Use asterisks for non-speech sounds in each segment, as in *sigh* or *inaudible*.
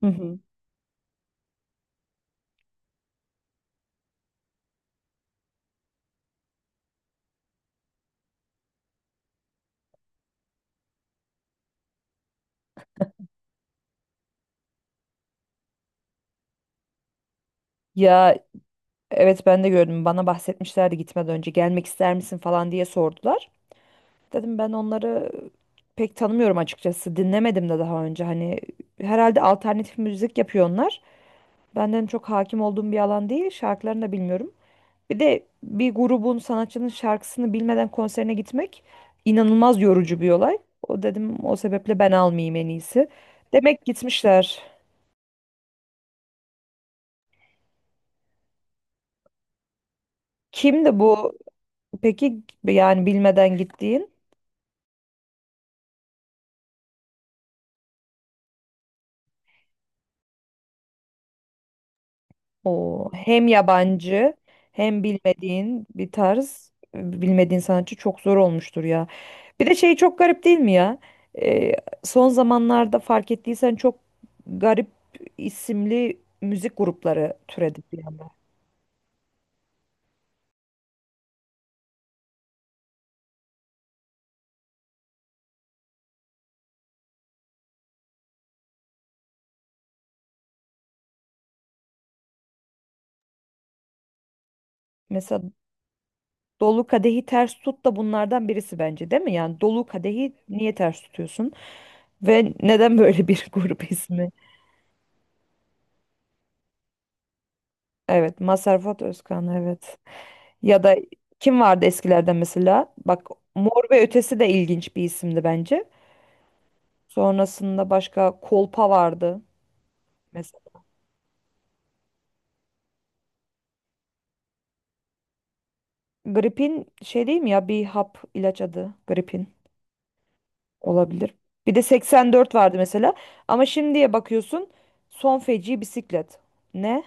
Hı hı. Ya, evet, ben de gördüm. Bana bahsetmişlerdi, gitmeden önce gelmek ister misin falan diye sordular. Dedim ben onları pek tanımıyorum açıkçası. Dinlemedim de daha önce. Hani herhalde alternatif müzik yapıyor onlar. Benden çok hakim olduğum bir alan değil. Şarkılarını da bilmiyorum. Bir de bir grubun sanatçının şarkısını bilmeden konserine gitmek inanılmaz yorucu bir olay. O dedim, o sebeple ben almayayım en iyisi. Demek gitmişler. Kimdi bu? Peki yani bilmeden gittiğin? O hem yabancı hem bilmediğin bir tarz, bilmediğin sanatçı çok zor olmuştur ya. Bir de şey çok garip değil mi ya? Ee, son zamanlarda fark ettiysen çok garip isimli müzik grupları türedi bir anda. Mesela Dolu Kadehi Ters Tut da bunlardan birisi bence değil mi? Yani Dolu Kadehi niye ters tutuyorsun? Ve neden böyle bir *laughs* grup ismi? Evet, Mazhar Fuat Özkan, evet. Ya da kim vardı eskilerde mesela? Bak, Mor ve Ötesi de ilginç bir isimdi bence. Sonrasında başka Kolpa vardı mesela. Gripin şey değil mi ya, bir hap ilaç adı, gripin olabilir. Bir de 84 vardı mesela. Ama şimdiye bakıyorsun, son feci bisiklet. Ne?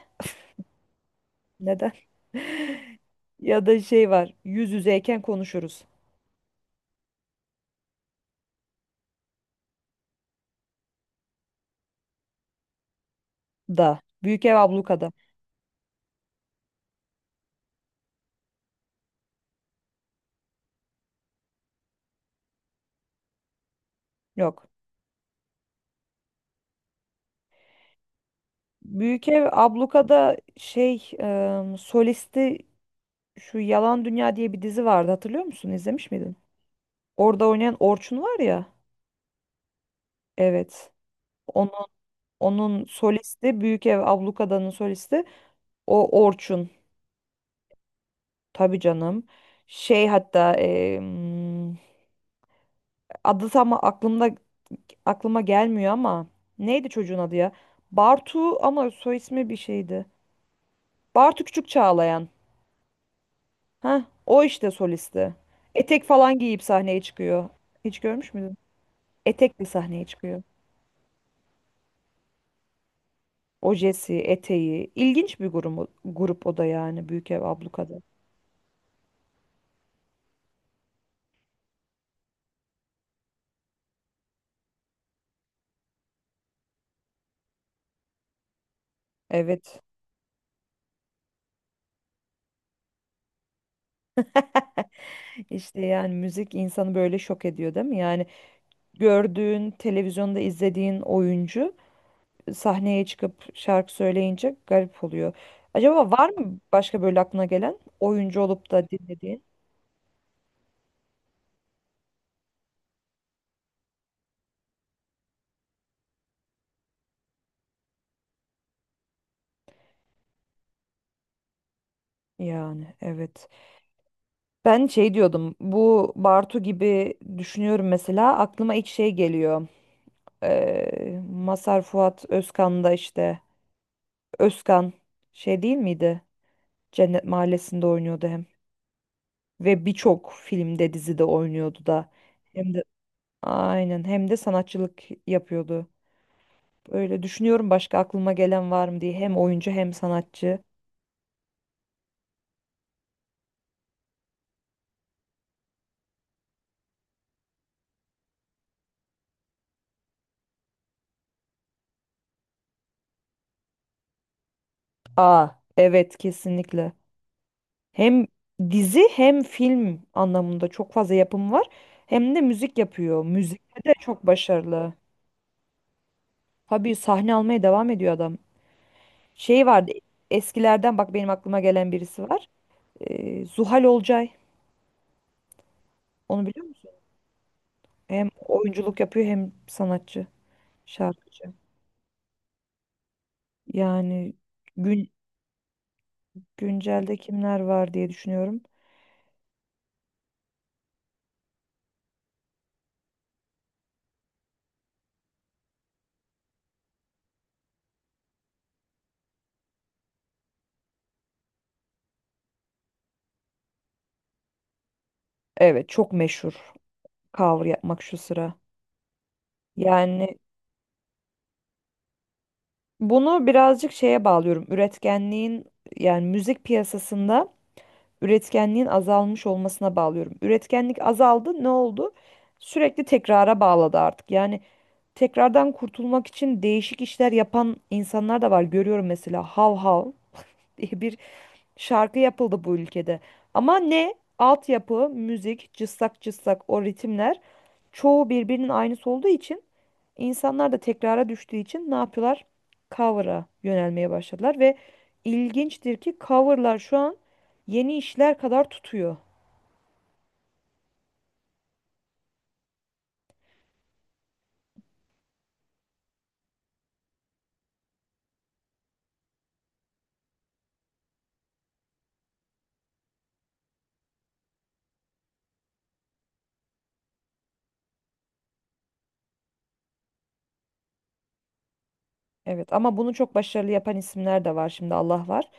Neden? *laughs* Ya da şey var, yüz yüzeyken konuşuruz da. Büyük Ev Abluka'da. Yok. Büyük Ev Abluka'da şey solisti. Şu Yalan Dünya diye bir dizi vardı, hatırlıyor musun? İzlemiş miydin? Orada oynayan Orçun var ya. Evet. Onun, onun solisti, Büyük Ev Ablukada'nın solisti o Orçun. Tabii canım. Şey, hatta adı tam aklıma gelmiyor ama neydi çocuğun adı ya? Bartu, ama soy ismi bir şeydi. Bartu Küçük Çağlayan. Heh, o işte solisti. Etek falan giyip sahneye çıkıyor. Hiç görmüş müydün? Etekli sahneye çıkıyor. Ojesi, eteği. İlginç bir grup o da yani, Büyük Ev Abluka'da. Evet. İşte yani müzik insanı böyle şok ediyor değil mi? Yani gördüğün, televizyonda izlediğin oyuncu sahneye çıkıp şarkı söyleyince garip oluyor. Acaba var mı başka böyle aklına gelen oyuncu olup da dinlediğin? Yani evet. Ben şey diyordum. Bu Bartu gibi düşünüyorum mesela. Aklıma ilk şey geliyor. Mazhar Fuat Özkan'da işte. Özkan şey değil miydi? Cennet Mahallesi'nde oynuyordu hem. Ve birçok filmde, dizide oynuyordu da. Hem de, aynen, hem de sanatçılık yapıyordu. Öyle düşünüyorum, başka aklıma gelen var mı diye. Hem oyuncu hem sanatçı. Aa, evet, kesinlikle. Hem dizi hem film anlamında çok fazla yapım var. Hem de müzik yapıyor. Müzikte de çok başarılı. Tabii sahne almaya devam ediyor adam. Şey vardı eskilerden, bak benim aklıma gelen birisi var. Zuhal Olcay. Onu biliyor musun? Hem oyunculuk yapıyor hem sanatçı, şarkıcı. Yani gün, güncelde kimler var diye düşünüyorum. Evet, çok meşhur cover yapmak şu sıra. Yani bunu birazcık şeye bağlıyorum. Üretkenliğin, yani müzik piyasasında üretkenliğin azalmış olmasına bağlıyorum. Üretkenlik azaldı, ne oldu? Sürekli tekrara bağladı artık. Yani tekrardan kurtulmak için değişik işler yapan insanlar da var. Görüyorum mesela, Hav Hav diye bir şarkı yapıldı bu ülkede. Ama ne altyapı, müzik, cıssak cıssak o ritimler çoğu birbirinin aynısı olduğu için, insanlar da tekrara düştüğü için ne yapıyorlar? Cover'a yönelmeye başladılar ve ilginçtir ki coverlar şu an yeni işler kadar tutuyor. Evet, ama bunu çok başarılı yapan isimler de var şimdi, Allah var.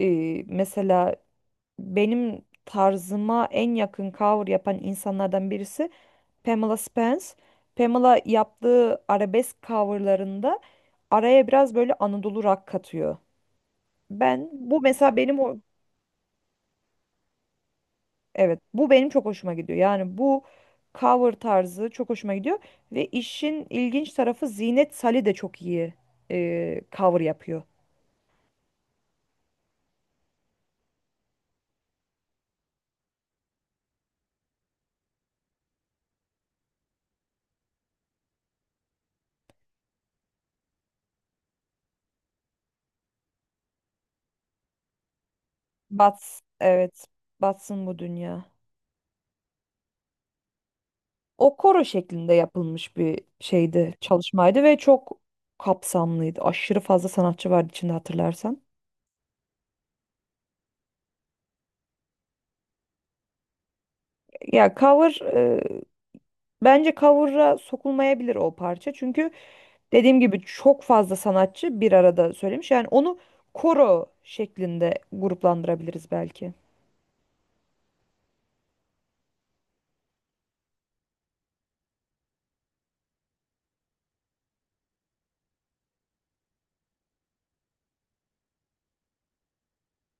Mesela benim tarzıma en yakın cover yapan insanlardan birisi Pamela Spence. Pamela yaptığı arabesk coverlarında araya biraz böyle Anadolu rock katıyor. Ben bu mesela benim o evet, bu benim çok hoşuma gidiyor. Yani bu cover tarzı çok hoşuma gidiyor ve işin ilginç tarafı, Zinet Salih de çok iyi cover yapıyor. Evet, batsın bu dünya. O koro şeklinde yapılmış bir şeydi, çalışmaydı ve çok kapsamlıydı. Aşırı fazla sanatçı vardı içinde, hatırlarsan. Ya cover bence cover'a sokulmayabilir o parça. Çünkü dediğim gibi çok fazla sanatçı bir arada söylemiş. Yani onu koro şeklinde gruplandırabiliriz belki.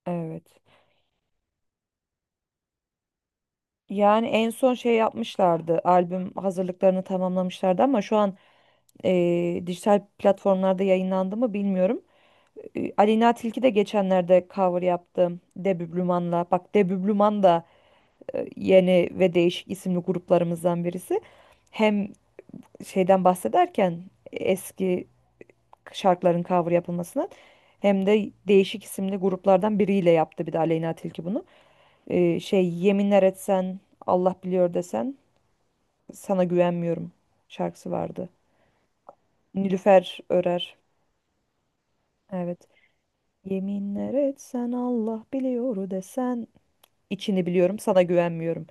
Evet. Yani en son şey yapmışlardı. Albüm hazırlıklarını tamamlamışlardı ama şu an e, dijital platformlarda yayınlandı mı bilmiyorum. Aleyna Tilki de geçenlerde cover yaptı Debüblüman'la. Bak, Debüblüman da yeni ve değişik isimli gruplarımızdan birisi. Hem şeyden bahsederken, eski şarkıların cover yapılmasından, hem de değişik isimli gruplardan biriyle yaptı bir de Aleyna Tilki bunu. Şey, yeminler etsen Allah biliyor desen sana güvenmiyorum şarkısı vardı. Nilüfer Örer. Evet. Yeminler etsen Allah biliyor desen, içini biliyorum sana güvenmiyorum.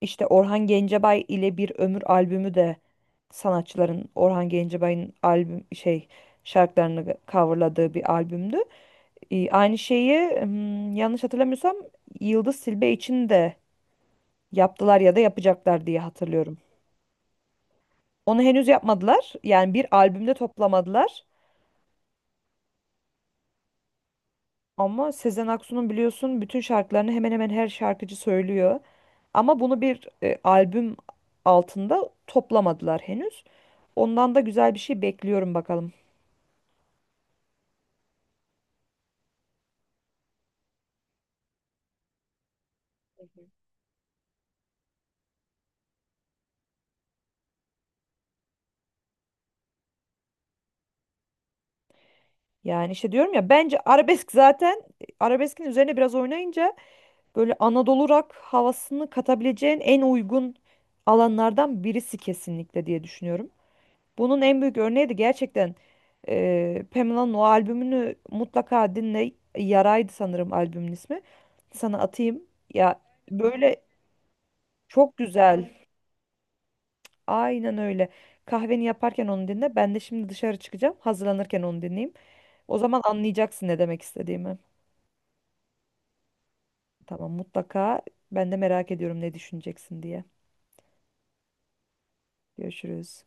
İşte Orhan Gencebay ile Bir Ömür albümü de sanatçıların Orhan Gencebay'ın albüm şey şarkılarını coverladığı bir albümdü. Aynı şeyi, yanlış hatırlamıyorsam Yıldız Silbe için de yaptılar ya da yapacaklar diye hatırlıyorum. Onu henüz yapmadılar. Yani bir albümde toplamadılar. Ama Sezen Aksu'nun biliyorsun bütün şarkılarını hemen hemen her şarkıcı söylüyor. Ama bunu bir albüm altında toplamadılar henüz. Ondan da güzel bir şey bekliyorum bakalım. Yani işte diyorum ya, bence arabesk *laughs* zaten, arabeskin üzerine biraz oynayınca böyle Anadolu rock havasını katabileceğin en uygun alanlardan birisi kesinlikle diye düşünüyorum. Bunun en büyük örneği de gerçekten Pamela'nın o albümünü mutlaka dinle. Yaraydı sanırım albümün ismi. Sana atayım. Ya böyle, çok güzel. Aynen öyle. Kahveni yaparken onu dinle. Ben de şimdi dışarı çıkacağım. Hazırlanırken onu dinleyeyim. O zaman anlayacaksın ne demek istediğimi. Tamam, mutlaka. Ben de merak ediyorum ne düşüneceksin diye. Görüşürüz.